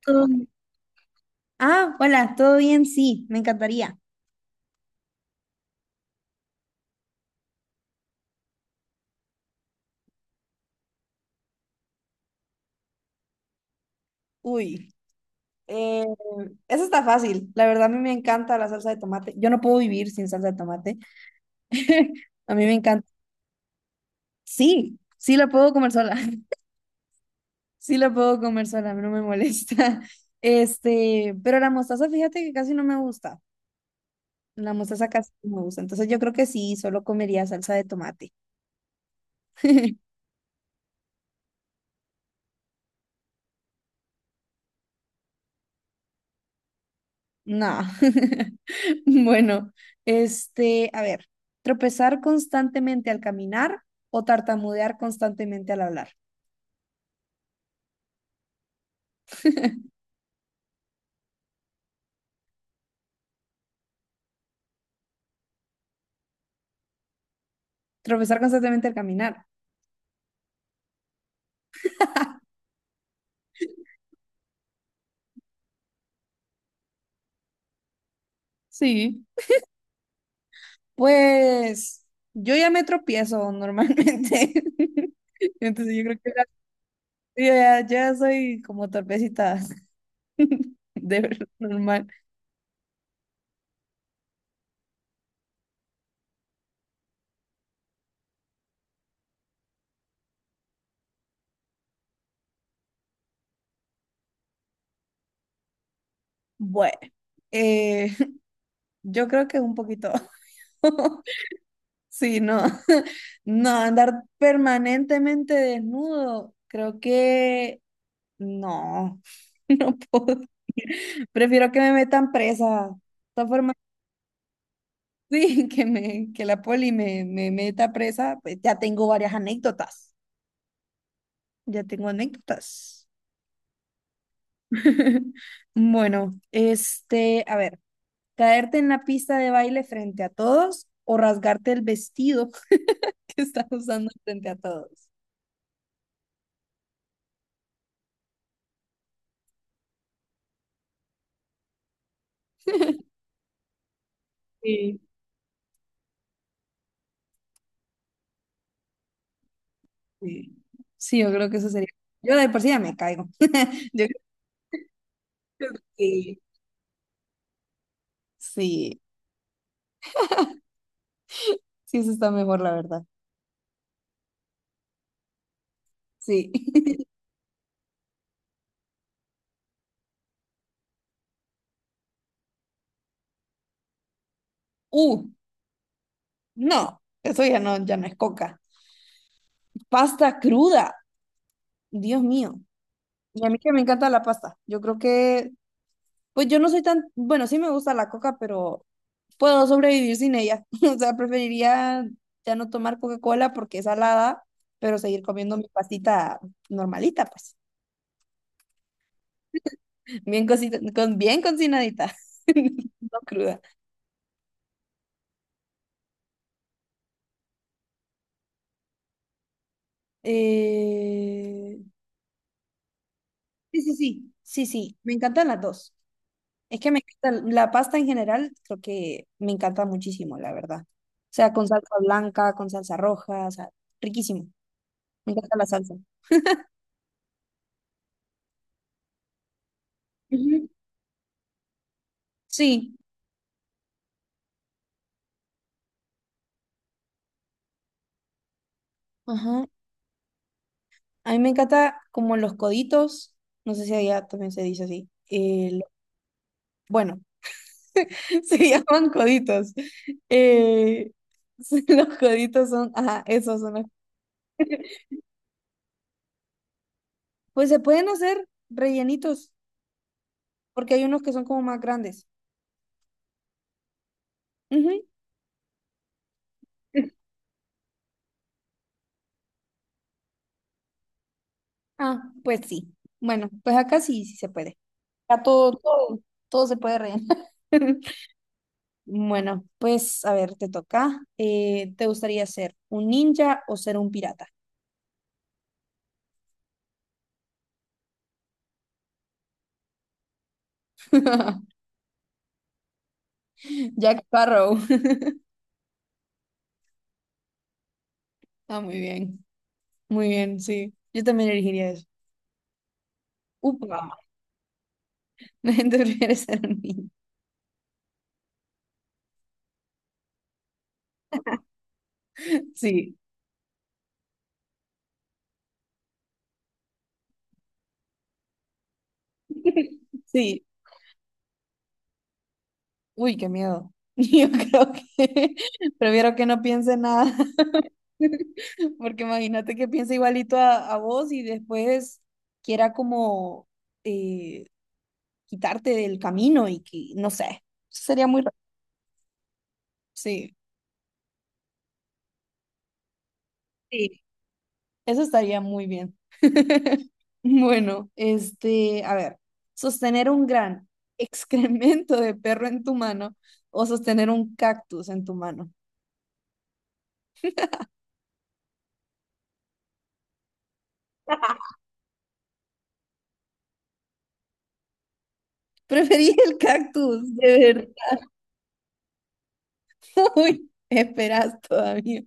Todo bien. Ah, hola, ¿todo bien? Sí, me encantaría. Uy, eh, eso está fácil. La verdad, a mí me encanta la salsa de tomate. Yo no puedo vivir sin salsa de tomate. A mí me encanta. Sí, sí la puedo comer sola. Sí la puedo comer sola, no me molesta. Este, pero la mostaza, fíjate que casi no me gusta. La mostaza casi no me gusta. Entonces yo creo que sí, solo comería salsa de tomate. No. Bueno, este, a ver, tropezar constantemente al caminar o tartamudear constantemente al hablar. Tropezar constantemente al caminar. Sí. Pues yo ya me tropiezo normalmente. Entonces yo creo que yo ya, ya soy como torpecita de verdad, normal. Bueno, eh, yo creo que un poquito. Sí, no, no, andar permanentemente desnudo, creo que no, no puedo. Prefiero que me metan presa. De todas formas, sí, que la poli me meta presa, pues ya tengo varias anécdotas. Ya tengo anécdotas. Bueno, este, a ver, caerte en la pista de baile frente a todos o rasgarte el vestido que estás usando frente a todos. Sí. Sí, Sí, yo creo que eso sería. Yo de por sí ya me caigo. Yo creo que sí, sí, eso está mejor, la verdad. Sí. Uh, no, eso ya no, ya no es coca. Pasta cruda, Dios mío. Y a mí que me encanta la pasta. Yo creo que, pues yo no soy tan, bueno, sí me gusta la coca, pero puedo sobrevivir sin ella. O sea, preferiría ya no tomar Coca-Cola porque es salada, pero seguir comiendo mi pastita normalita, pues bien cosita, con, bien cocinadita, no cruda. Eh, sí, sí, sí, sí, sí, me encantan las dos. Es que me encanta la pasta en general, creo que me encanta muchísimo, la verdad. O sea, con salsa blanca, con salsa roja, o sea, riquísimo. Me encanta la salsa. Ujú. Sí, ajá. A mí me encanta como los coditos, no sé si allá también se dice así. Bueno, se llaman coditos. Eh, los coditos son, ajá, esos son los. Pues se pueden hacer rellenitos, porque hay unos que son como más grandes. Ujú. Ah, pues sí. Bueno, pues acá sí, sí se puede. Acá todo, todo, todo se puede rellenar. Bueno, pues a ver, te toca. ¿Te gustaría ser un ninja o ser un pirata? Jack Sparrow. Ah, muy bien, sí. Yo también elegiría eso. Upa. Tú prefieres ser un niño. Sí, sí. Uy, qué miedo. Yo creo que prefiero que no piense nada. Porque imagínate que piense igualito a vos y después quiera como eh, quitarte del camino y que, no sé, sería muy raro. Sí. Sí. Eso estaría muy bien. Bueno, este, a ver, sostener un gran excremento de perro en tu mano o sostener un cactus en tu mano. Preferí el cactus, de verdad. Uy, esperas todavía.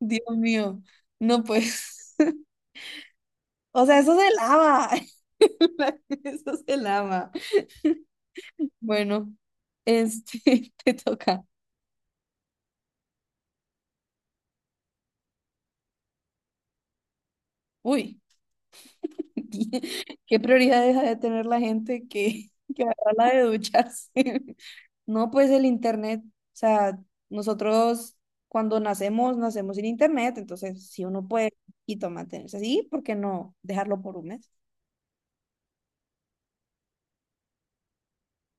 Dios mío, no pues. O sea, eso se lava. Eso se lava. Bueno, este, te toca. Uy. ¿Qué prioridades ha de tener la gente que, que agarra la de ducharse? No, pues el internet, o sea, nosotros cuando nacemos, nacemos sin internet, entonces si uno puede y mantenerse así, ¿por qué no dejarlo por un mes?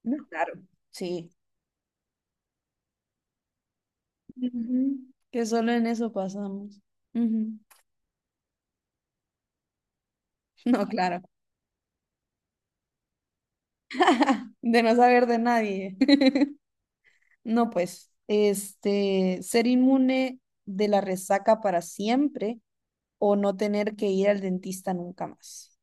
No. Claro, sí. Ujú, que solo en eso pasamos. Ujú. No, claro. De no saber de nadie. No, pues, este, ser inmune de la resaca para siempre o no tener que ir al dentista nunca más.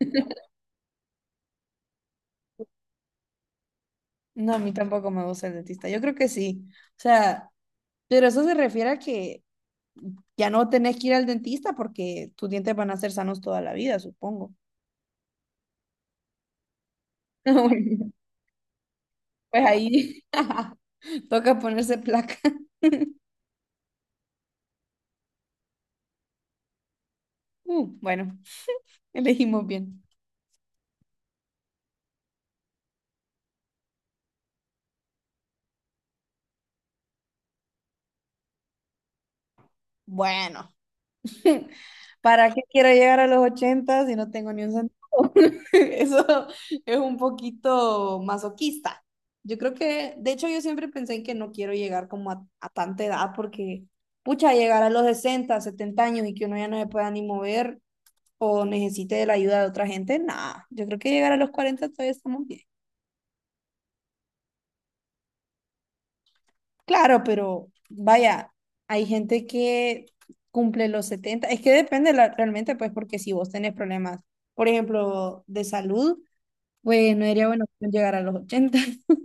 No, a mí tampoco me gusta el dentista. Yo creo que sí. O sea, pero eso se refiere a que ya no tenés que ir al dentista porque tus dientes van a ser sanos toda la vida, supongo. Bueno, pues ahí toca ponerse placa. Bueno, elegimos bien. Bueno, ¿para qué quiero llegar a los 80 si no tengo ni un centavo? Eso es un poquito masoquista. Yo creo que, de hecho, yo siempre pensé en que no quiero llegar como a tanta edad porque, pucha, llegar a los 60, 70 años y que uno ya no se pueda ni mover o necesite de la ayuda de otra gente, nada. Yo creo que llegar a los 40 todavía estamos bien. Claro, pero vaya, hay gente que cumple los 70. Es que depende realmente, pues, porque si vos tenés problemas, por ejemplo, de salud, pues no sería bueno llegar a los 80.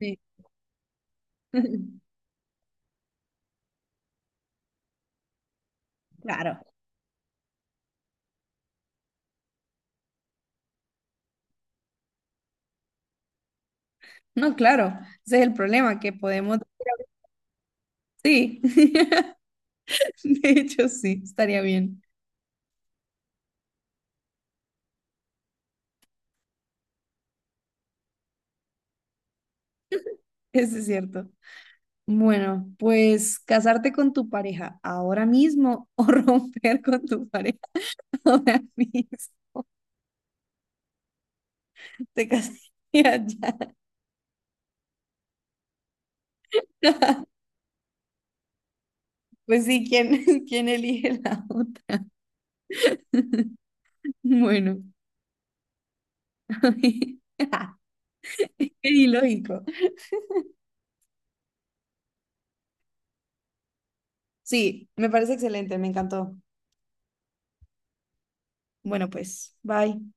Sí. Claro. No, claro. Ese es el problema, que podemos... Sí. De hecho, sí, estaría bien. Eso es cierto. Bueno, pues casarte con tu pareja ahora mismo o romper con tu pareja ahora mismo. Te casarías ya. Pues sí, ¿quién, quién elige la otra? Bueno, qué ilógico. Sí, me parece excelente, me encantó. Bueno, pues, bye.